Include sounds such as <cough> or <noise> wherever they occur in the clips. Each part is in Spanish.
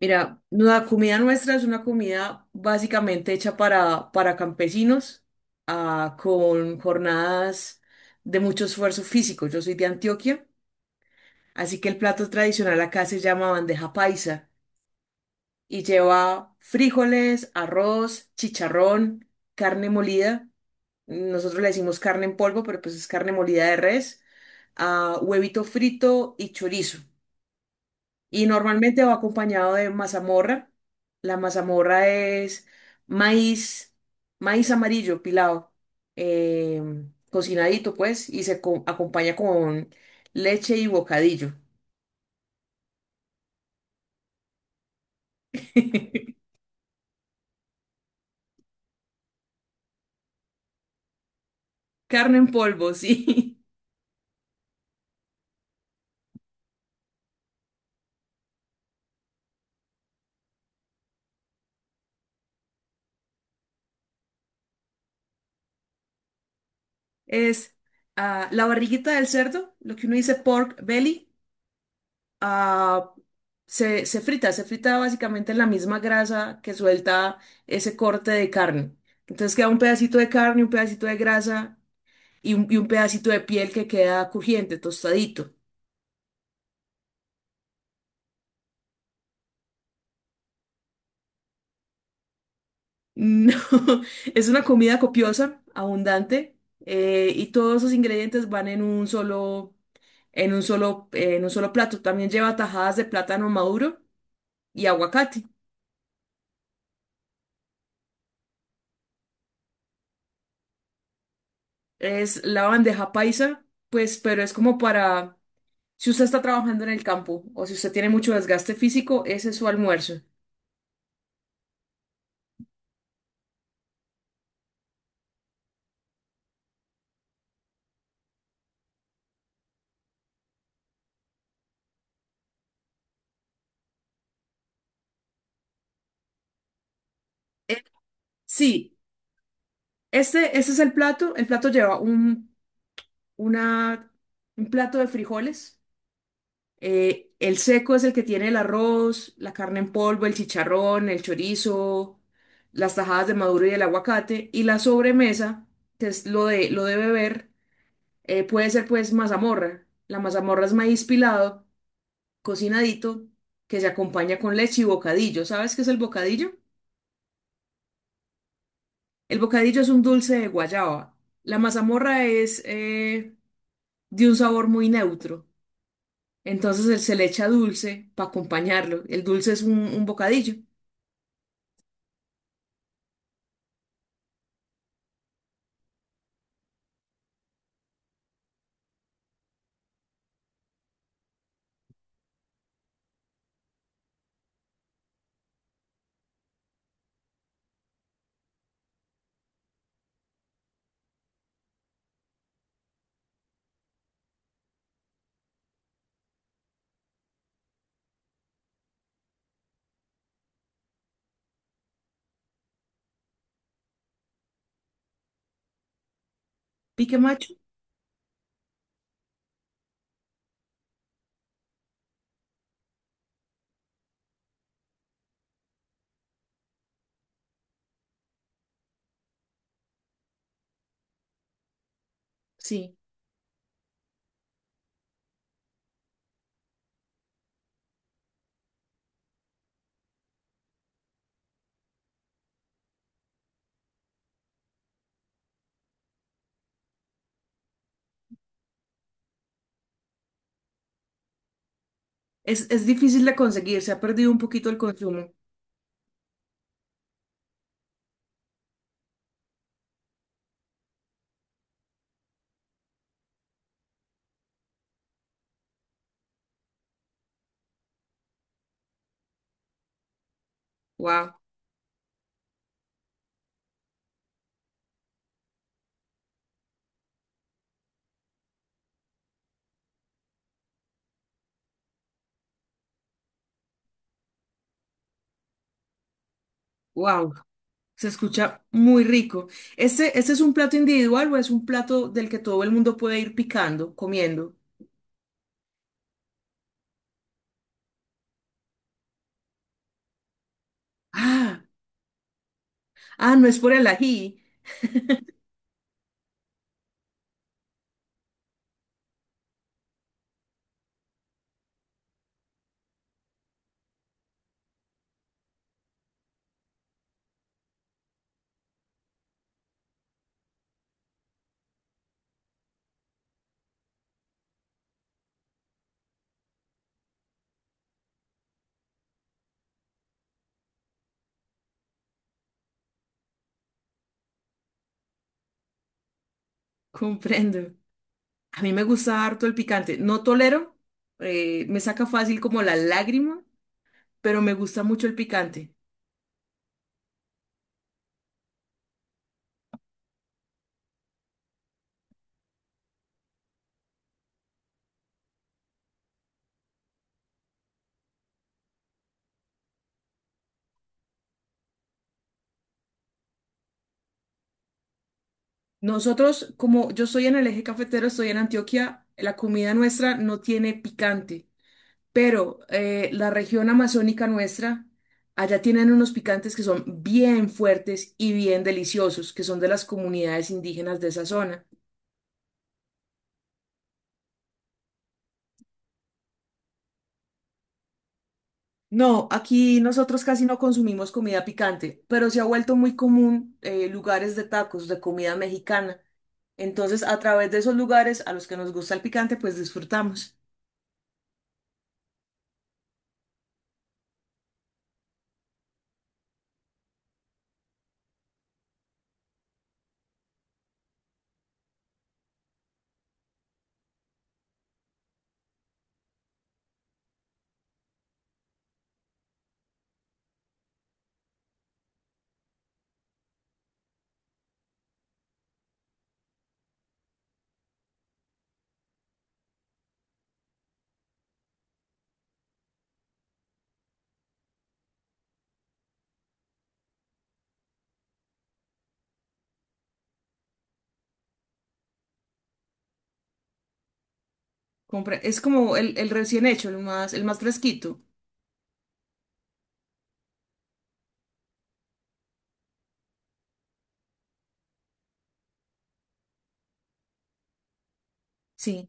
Mira, la comida nuestra es una comida básicamente hecha para campesinos, con jornadas de mucho esfuerzo físico. Yo soy de Antioquia, así que el plato tradicional acá se llama bandeja paisa y lleva frijoles, arroz, chicharrón, carne molida. Nosotros le decimos carne en polvo, pero pues es carne molida de res, huevito frito y chorizo. Y normalmente va acompañado de mazamorra. La mazamorra es maíz, maíz amarillo pilado, eh, cocinadito pues, y acompaña con leche y bocadillo. <laughs> Carne en polvo, <laughs> sí. Es la barriguita del cerdo, lo que uno dice pork belly, ah, se frita, se frita básicamente en la misma grasa que suelta ese corte de carne. Entonces queda un pedacito de carne, un pedacito de grasa y un pedacito de piel que queda crujiente, tostadito. No, <laughs> es una comida copiosa, abundante, y todos esos ingredientes van en en un solo plato. También lleva tajadas de plátano maduro y aguacate. Es la bandeja paisa, pues, pero es como para si usted está trabajando en el campo o si usted tiene mucho desgaste físico, ese es su almuerzo. Eh, sí, este es el plato. El plato lleva una, un plato de frijoles. El seco es el que tiene el arroz, la carne en polvo, el chicharrón, el chorizo, las tajadas de maduro y el aguacate. Y la sobremesa, que es lo de beber, puede ser pues mazamorra. La mazamorra es maíz pilado, cocinadito, que se acompaña con leche y bocadillo. ¿Sabes qué es el bocadillo? El bocadillo es un dulce de guayaba. La mazamorra es de un sabor muy neutro. Entonces él se le echa dulce para acompañarlo. El dulce es un bocadillo. Pique macho, sí. Es difícil de conseguir, se ha perdido un poquito el consumo. Wow, wow. Se escucha muy rico. Este es un plato individual o es un plato del que todo el mundo puede ir picando, comiendo? Ah, ah, no es por el ají. Comprendo. A mí me gusta harto el picante. No tolero, me saca fácil como la lágrima, pero me gusta mucho el picante. Nosotros, como yo soy en el eje cafetero, estoy en Antioquia, la comida nuestra no tiene picante. Pero la región amazónica nuestra, allá tienen unos picantes que son bien fuertes y bien deliciosos, que son de las comunidades indígenas de esa zona. No, aquí nosotros casi no consumimos comida picante, pero se ha vuelto muy común lugares de tacos, de comida mexicana. Entonces, a través de esos lugares a los que nos gusta el picante, pues disfrutamos. Es como el recién hecho, el más fresquito. Sí,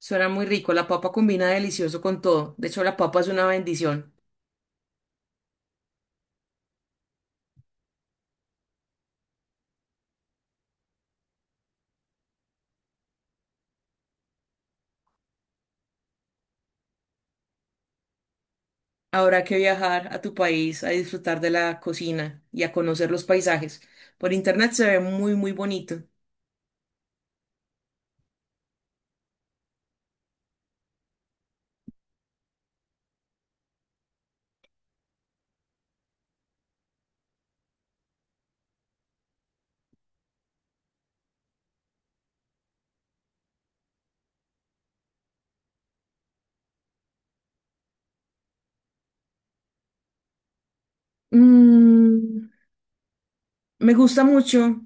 suena muy rico. La papa combina delicioso con todo. De hecho, la papa es una bendición. Habrá que viajar a tu país a disfrutar de la cocina y a conocer los paisajes. Por internet se ve muy bonito. Mm, me gusta mucho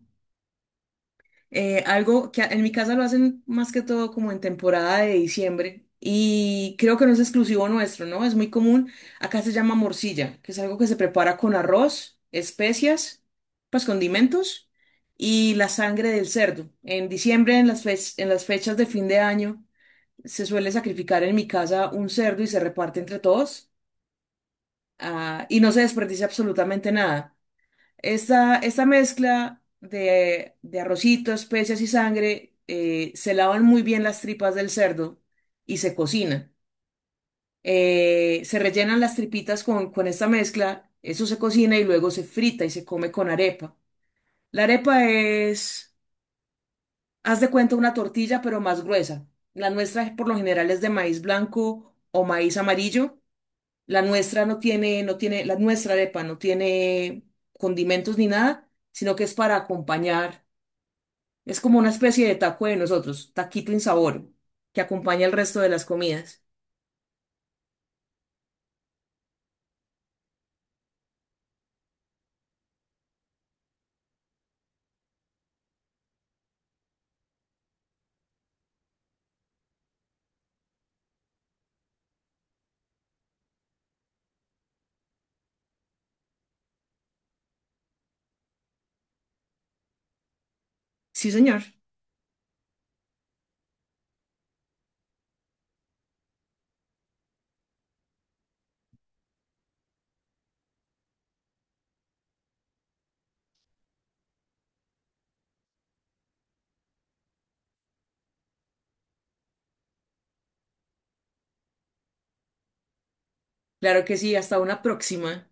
algo que en mi casa lo hacen más que todo como en temporada de diciembre y creo que no es exclusivo nuestro, ¿no? Es muy común. Acá se llama morcilla, que es algo que se prepara con arroz, especias, pues condimentos y la sangre del cerdo. En diciembre, en en las fechas de fin de año se suele sacrificar en mi casa un cerdo y se reparte entre todos, y no se desperdicia absolutamente nada. Esta mezcla de arrocito, especias y sangre, se lavan muy bien las tripas del cerdo y se cocina. Se rellenan las tripitas con esta mezcla, eso se cocina y luego se frita y se come con arepa. La arepa es, haz de cuenta, una tortilla pero más gruesa. La nuestra por lo general es de maíz blanco o maíz amarillo. La nuestra no tiene, la nuestra arepa no tiene condimentos ni nada, sino que es para acompañar. Es como una especie de taco de nosotros, taquito insaboro, que acompaña el resto de las comidas. Sí, señor. Claro que sí, hasta una próxima.